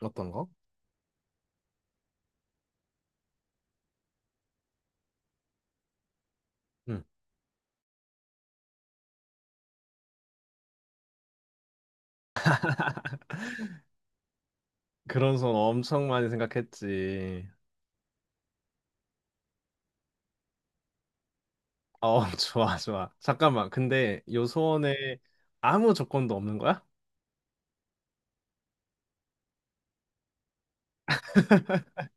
어떤 거? 응. 그런 소원 엄청 많이 생각했지. 어, 좋아, 좋아. 잠깐만. 근데 요 소원에 아무 조건도 없는 거야?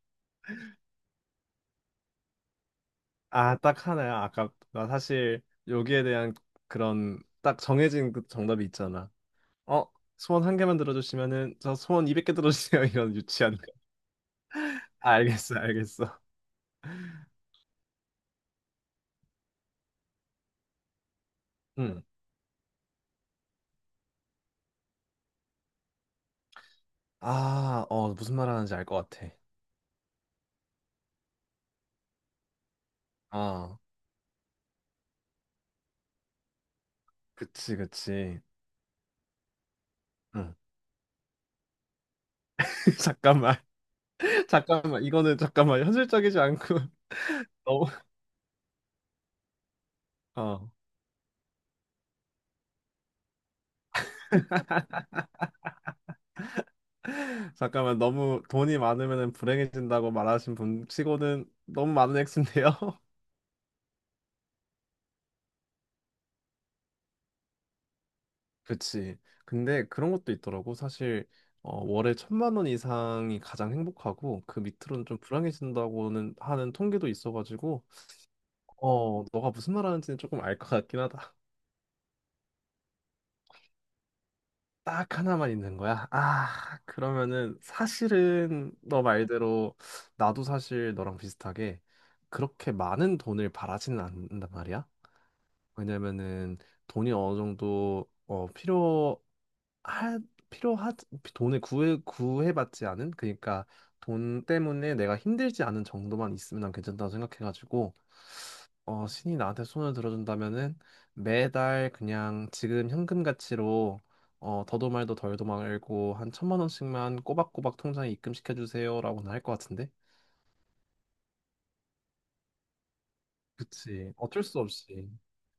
아, 딱 하나야. 아까 나 사실 여기에 대한 그런 딱 정해진 그 정답이 있잖아. 어, 소원 한 개만 들어주시면은 저 소원 200개 들어주세요. 이런 유치한 거. 아, 알겠어, 알겠어. 응. 아, 어, 무슨 말 하는지 알 것 같아. 아, 그치, 그치. 응. 잠깐만. 잠깐만, 이거는 잠깐만, 현실적이지 않고 너무, 어, 잠깐만, 너무 돈이 많으면 불행해진다고 말하신 분 치고는 너무 많은 액수인데요. 그치. 근데 그런 것도 있더라고. 사실, 어, 월에 1,000만 원 이상이 가장 행복하고, 그 밑으로는 좀 불행해진다고는 하는 통계도 있어가지고, 어, 너가 무슨 말 하는지는 조금 알 것 같긴 하다. 딱 하나만 있는 거야? 아, 그러면은 사실은 너 말대로 나도 사실 너랑 비슷하게 그렇게 많은 돈을 바라지는 않는단 말이야. 왜냐면은 돈이 어느 정도 어 필요하 돈을 구해받지 않은 그러니까 돈 때문에 내가 힘들지 않은 정도만 있으면 난 괜찮다고 생각해가지고 어, 신이 나한테 손을 들어준다면은 매달 그냥 지금 현금 가치로 어, 더도 말도 덜도 말고 한 1,000만 원씩만 꼬박꼬박 통장에 입금시켜 주세요라고는 할 것 같은데. 그치. 어쩔 수 없이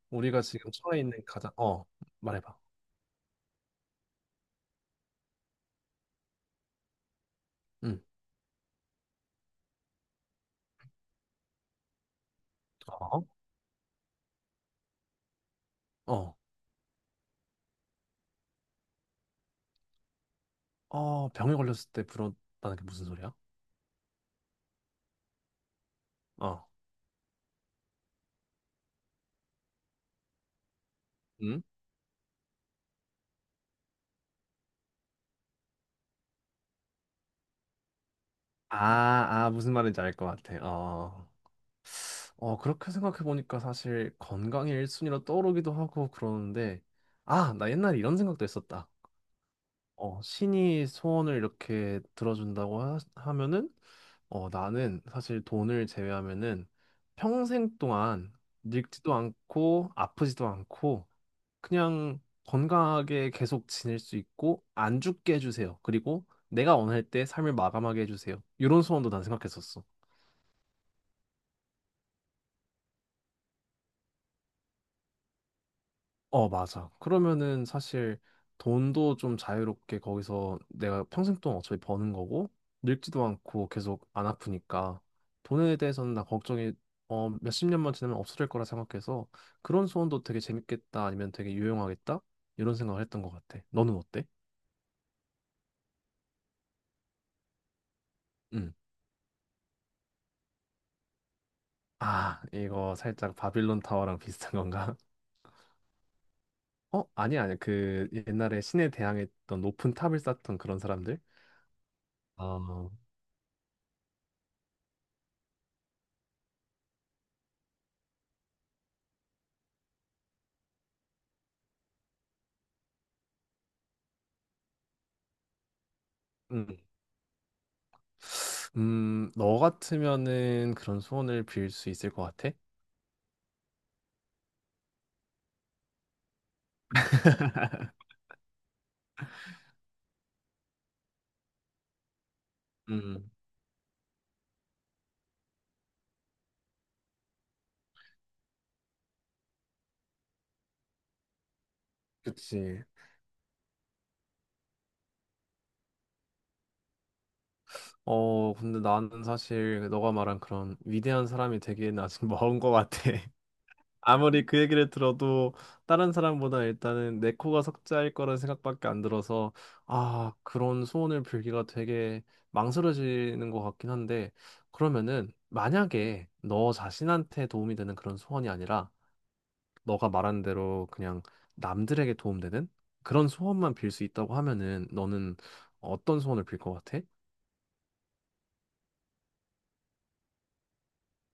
우리가 지금 처해 있는 가장 어 말해봐. 응. 어? 어. 어 병에 걸렸을 때 부러웠다는 게 무슨 소리야? 어. 응? 아, 아 무슨 말인지 알 것 같아. 어. 어, 그렇게 생각해보니까 사실 건강이 1순위로 떠오르기도 하고 그러는데, 아, 나 옛날에 이런 생각도 했었다. 어, 신이 소원을 이렇게 들어준다고 하면은, 어, 나는 사실 돈을 제외하면은 평생 동안 늙지도 않고 아프지도 않고 그냥 건강하게 계속 지낼 수 있고 안 죽게 해주세요. 그리고 내가 원할 때 삶을 마감하게 해주세요. 이런 소원도 난 생각했었어. 어, 맞아. 그러면은 사실 돈도 좀 자유롭게 거기서 내가 평생 동안 어차피 버는 거고 늙지도 않고 계속 안 아프니까 돈에 대해서는 나 걱정이 어, 몇십 년만 지나면 없어질 거라 생각해서 그런 소원도 되게 재밌겠다 아니면 되게 유용하겠다 이런 생각을 했던 것 같아. 너는 어때? 응. 아, 이거 살짝 바빌론 타워랑 비슷한 건가? 어, 아니야, 아니야. 그 옛날에 신에 대항했던 높은 탑을 쌓던 그런 사람들? 아, 음, 너 같으면은 그런 소원을 빌 수 있을 것 같아? 음, 그치. 어, 근데 나는 사실 너가 말한 그런 위대한 사람이 되기엔 아직 먼 것 같아. 아무리 그 얘기를 들어도 다른 사람보다 일단은 내 코가 석자일 거란 생각밖에 안 들어서 아, 그런 소원을 빌기가 되게 망설여지는 것 같긴 한데 그러면은 만약에 너 자신한테 도움이 되는 그런 소원이 아니라 너가 말한 대로 그냥 남들에게 도움되는 그런 소원만 빌 수 있다고 하면은 너는 어떤 소원을 빌 것 같아?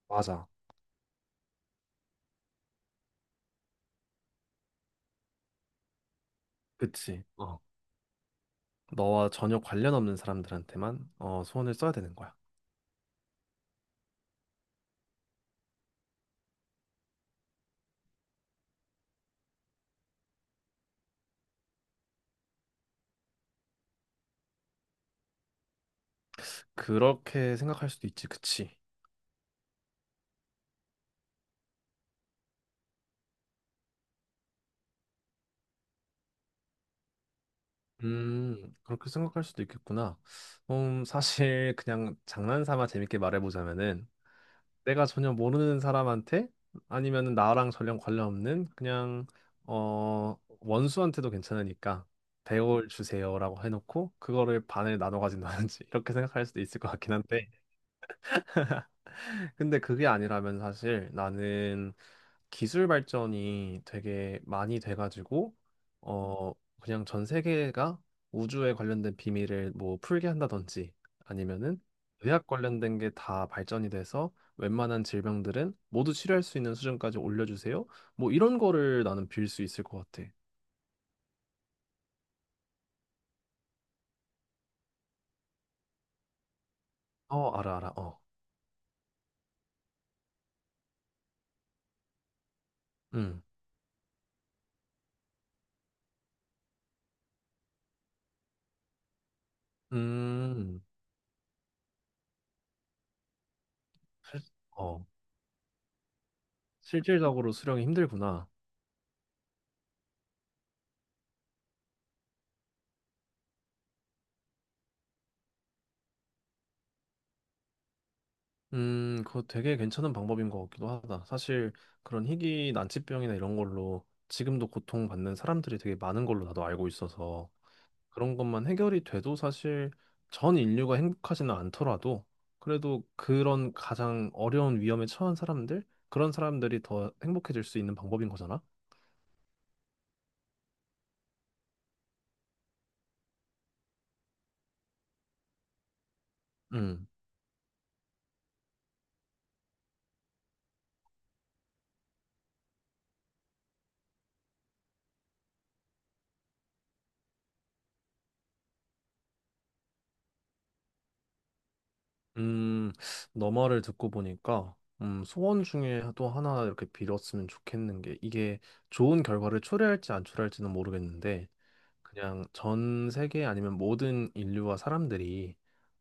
맞아. 그치. 어. 너와 전혀 관련 없는 사람들한테만 어, 소원을 써야 되는 거야. 그렇게 생각할 수도 있지, 그치? 그렇게 생각할 수도 있겠구나. 사실 그냥 장난삼아 재밌게 말해보자면은 내가 전혀 모르는 사람한테 아니면 나랑 전혀 관련 없는 그냥 어 원수한테도 괜찮으니까 배워을 주세요라고 해놓고 그거를 반을 나눠 가진다든지 이렇게 생각할 수도 있을 것 같긴 한데 근데 그게 아니라면 사실 나는 기술 발전이 되게 많이 돼가지고 어 그냥 전 세계가 우주에 관련된 비밀을 뭐 풀게 한다든지 아니면은 의학 관련된 게 다 발전이 돼서 웬만한 질병들은 모두 치료할 수 있는 수준까지 올려주세요. 뭐 이런 거를 나는 빌 수 있을 것 같아. 어 알아 알아 어. 음. 음. 어. 실질적으로 수령이 힘들구나. 그거 되게 괜찮은 방법인 것 같기도 하다. 사실 그런 희귀 난치병이나 이런 걸로 지금도 고통받는 사람들이 되게 많은 걸로 나도 알고 있어서 그런 것만 해결이 돼도 사실 전 인류가 행복하지는 않더라도 그래도 그런 가장 어려운 위험에 처한 사람들, 그런 사람들이 더 행복해질 수 있는 방법인 거잖아. 음, 음, 너 말을 듣고 보니까 소원 중에 또 하나 이렇게 빌었으면 좋겠는 게 이게 좋은 결과를 초래할지 안 초래할지는 모르겠는데 그냥 전 세계 아니면 모든 인류와 사람들이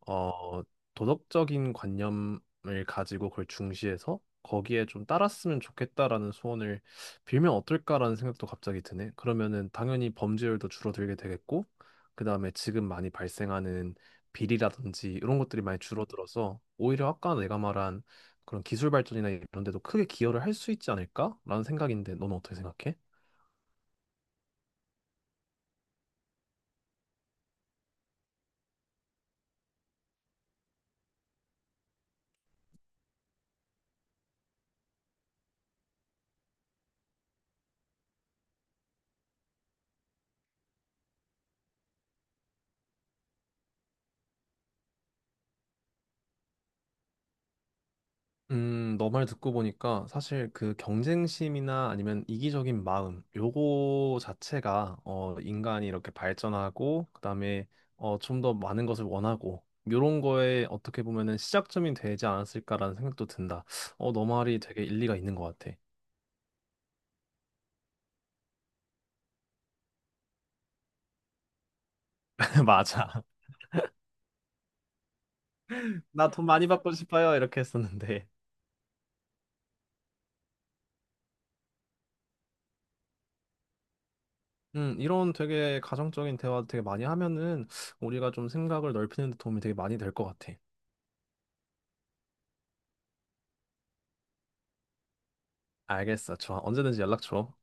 어, 도덕적인 관념을 가지고 그걸 중시해서 거기에 좀 따랐으면 좋겠다라는 소원을 빌면 어떨까라는 생각도 갑자기 드네. 그러면은 당연히 범죄율도 줄어들게 되겠고, 그다음에 지금 많이 발생하는 비리라든지 이런 것들이 많이 줄어들어서 오히려 아까 내가 말한 그런 기술 발전이나 이런 데도 크게 기여를 할 수 있지 않을까라는 생각인데 너는 어떻게 생각해? 너말 듣고 보니까 사실 그 경쟁심이나 아니면 이기적인 마음, 요거 자체가 어, 인간이 이렇게 발전하고 그다음에 어, 좀 더 많은 것을 원하고 요런 거에 어떻게 보면은 시작점이 되지 않았을까라는 생각도 든다. 어, 너 말이 되게 일리가 있는 것 같아. 맞아. 나 돈 많이 받고 싶어요. 이렇게 했었는데. 이런 되게 가정적인 대화 되게 많이 하면은 우리가 좀 생각을 넓히는 데 도움이 되게 많이 될 것 같아. 알겠어. 좋아. 언제든지 연락 줘.